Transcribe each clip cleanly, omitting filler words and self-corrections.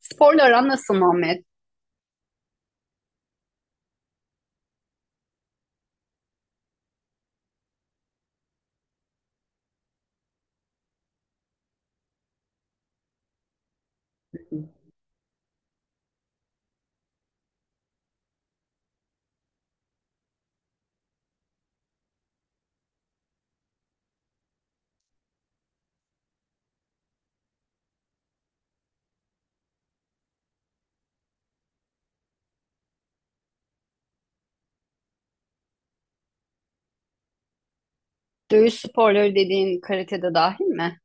Sporla aran nasıl Muhammed? Dövüş sporları dediğin karatede dahil mi?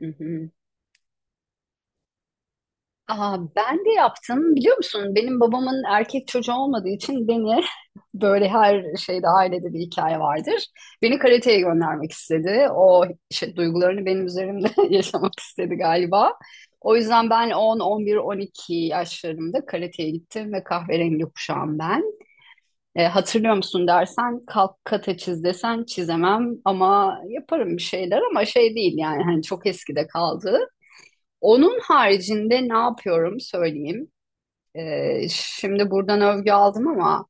Hı hı. Aa, ben de yaptım. Biliyor musun? Benim babamın erkek çocuğu olmadığı için beni böyle her şeyde ailede bir hikaye vardır. Beni karateye göndermek istedi. O şey, duygularını benim üzerimde yaşamak istedi galiba. O yüzden ben 10, 11, 12 yaşlarımda karateye gittim ve kahverengi kuşağım ben. Hatırlıyor musun dersen kalk kata çiz desen çizemem ama yaparım bir şeyler ama şey değil yani hani çok eskide kaldı. Onun haricinde ne yapıyorum söyleyeyim. Şimdi buradan övgü aldım ama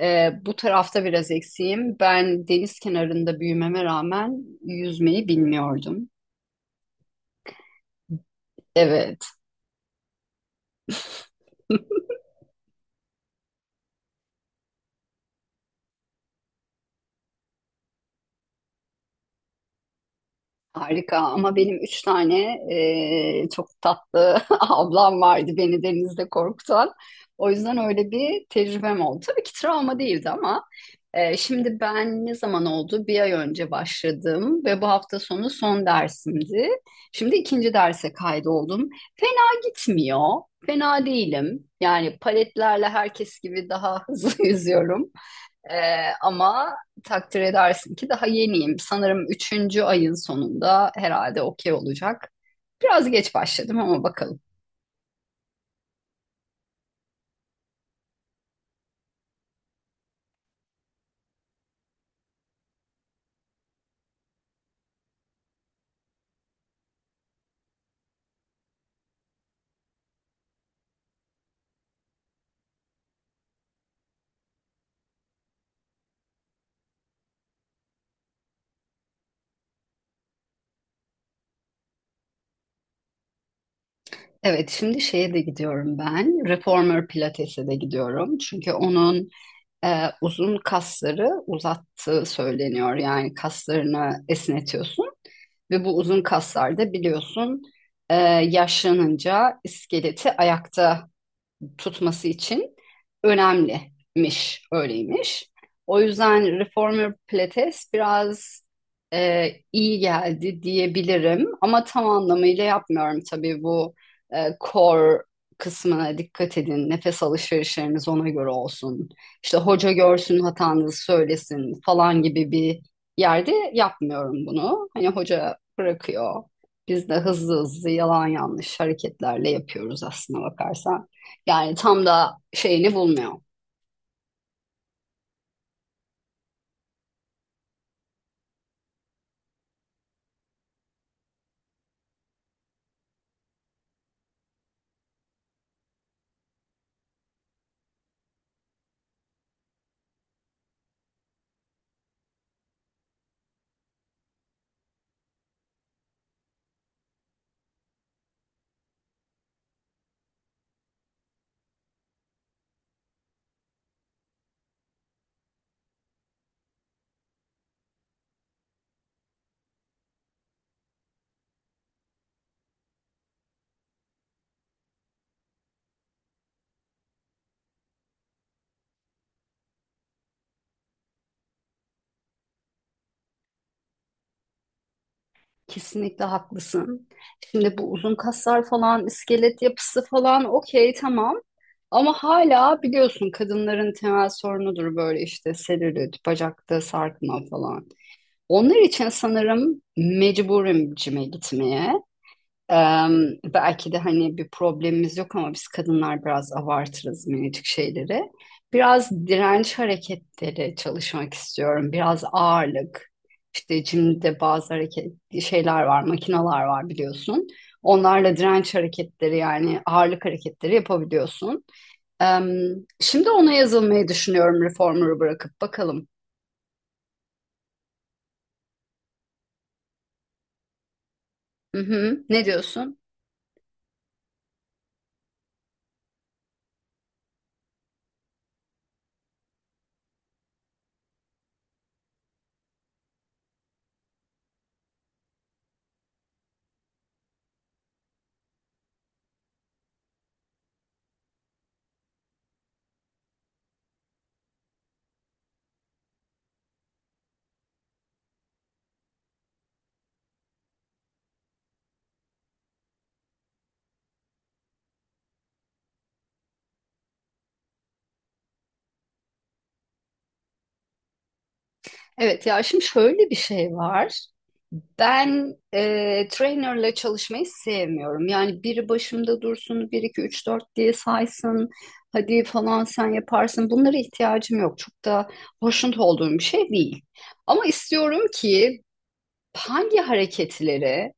bu tarafta biraz eksiğim. Ben deniz kenarında büyümeme rağmen yüzmeyi bilmiyordum. Evet. Harika ama benim üç tane çok tatlı ablam vardı beni denizde korkutan. O yüzden öyle bir tecrübem oldu. Tabii ki travma değildi ama şimdi ben ne zaman oldu? Bir ay önce başladım ve bu hafta sonu son dersimdi. Şimdi ikinci derse kaydoldum. Fena gitmiyor. Fena değilim. Yani paletlerle herkes gibi daha hızlı yüzüyorum. Ama takdir edersin ki daha yeniyim. Sanırım üçüncü ayın sonunda herhalde okey olacak. Biraz geç başladım ama bakalım. Evet, şimdi şeye de gidiyorum ben. Reformer Pilates'e de gidiyorum. Çünkü onun uzun kasları uzattığı söyleniyor. Yani kaslarını esnetiyorsun. Ve bu uzun kaslar da biliyorsun e, yaşlanınca iskeleti ayakta tutması için önemlimiş, öyleymiş. O yüzden Reformer Pilates biraz iyi geldi diyebilirim ama tam anlamıyla yapmıyorum tabii bu core kısmına dikkat edin. Nefes alışverişleriniz ona göre olsun. İşte hoca görsün hatanızı söylesin falan gibi bir yerde yapmıyorum bunu. Hani hoca bırakıyor. Biz de hızlı hızlı yalan yanlış hareketlerle yapıyoruz aslına bakarsan. Yani tam da şeyini bulmuyor. Kesinlikle haklısın. Şimdi bu uzun kaslar falan, iskelet yapısı falan okey tamam. Ama hala biliyorsun kadınların temel sorunudur böyle işte selülit, bacakta sarkma falan. Onlar için sanırım mecburim cime gitmeye. Belki de hani bir problemimiz yok ama biz kadınlar biraz abartırız minicik şeyleri. Biraz direnç hareketleri çalışmak istiyorum. Biraz ağırlık. İşte jimde bazı hareket şeyler var, makineler var biliyorsun. Onlarla direnç hareketleri yani ağırlık hareketleri yapabiliyorsun. Em, Şimdi ona yazılmayı düşünüyorum reformer'ı bırakıp bakalım. Hı hı. Ne diyorsun? Evet ya şimdi şöyle bir şey var. Ben trainerla çalışmayı sevmiyorum. Yani biri başımda dursun, bir 2 3 4 diye saysın, hadi falan sen yaparsın. Bunlara ihtiyacım yok. Çok da hoşnut olduğum bir şey değil. Ama istiyorum ki hangi hareketleri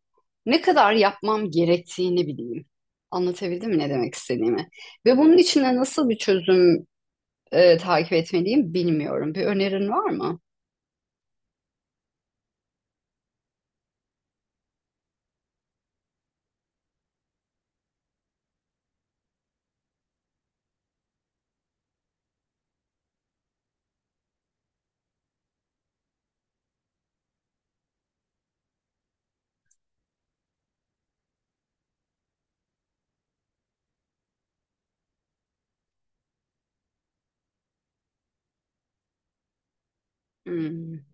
ne kadar yapmam gerektiğini bileyim. Anlatabildim mi ne demek istediğimi? Ve bunun içinde nasıl bir çözüm takip etmeliyim bilmiyorum. Bir önerin var mı? Hmm.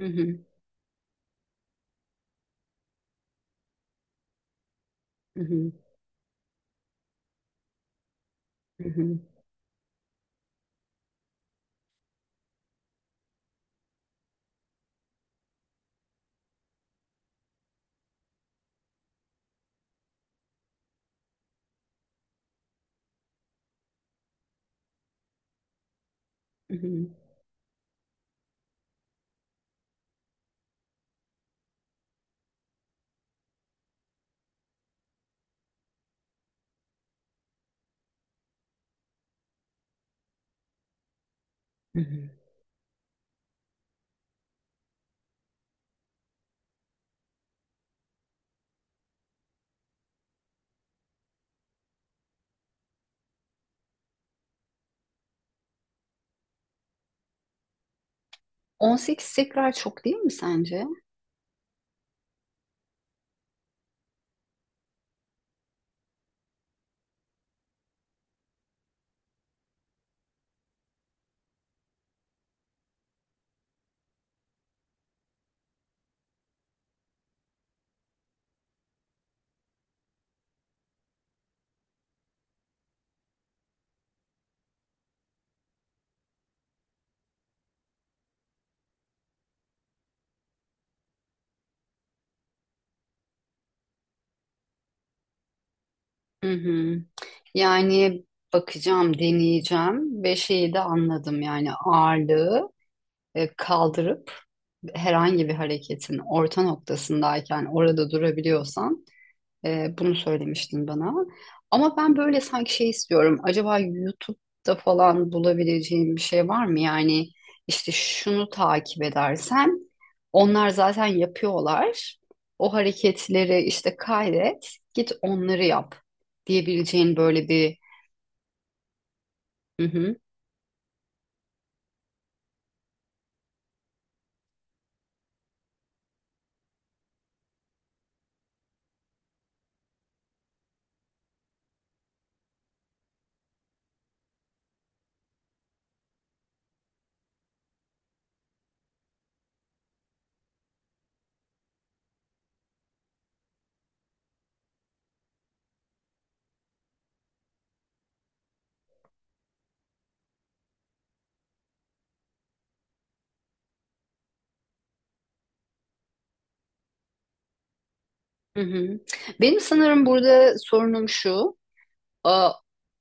Hı hı, hı hı, hı hı, hı hı, hı hı. 18 tekrar çok değil mi sence? Hı hı. Yani bakacağım, deneyeceğim ve şeyi de anladım yani ağırlığı kaldırıp herhangi bir hareketin orta noktasındayken orada durabiliyorsan bunu söylemiştin bana. Ama ben böyle sanki şey istiyorum. Acaba YouTube'da falan bulabileceğim bir şey var mı? Yani işte şunu takip edersen onlar zaten yapıyorlar. O hareketleri işte kaydet, git onları yap diyebileceğin böyle bir... Hı hı, hı hı. Benim sanırım burada sorunum şu. e,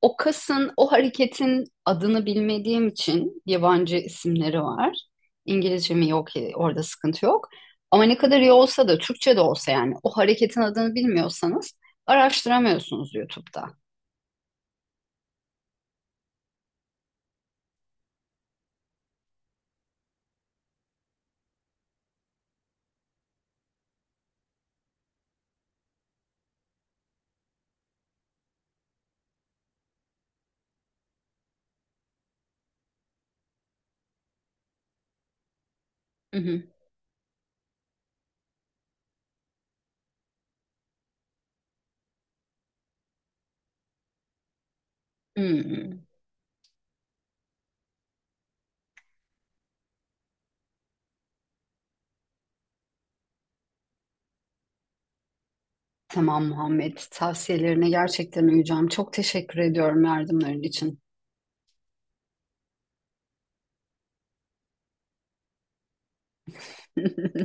O kasın, o hareketin adını bilmediğim için yabancı isimleri var. İngilizcemi yok, orada sıkıntı yok. Ama ne kadar iyi olsa da, Türkçe de olsa yani o hareketin adını bilmiyorsanız araştıramıyorsunuz YouTube'da. Hı hı. Hmm. Tamam Muhammed, tavsiyelerine gerçekten uyacağım. Çok teşekkür ediyorum yardımların için.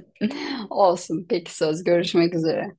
Olsun, peki söz. Görüşmek üzere.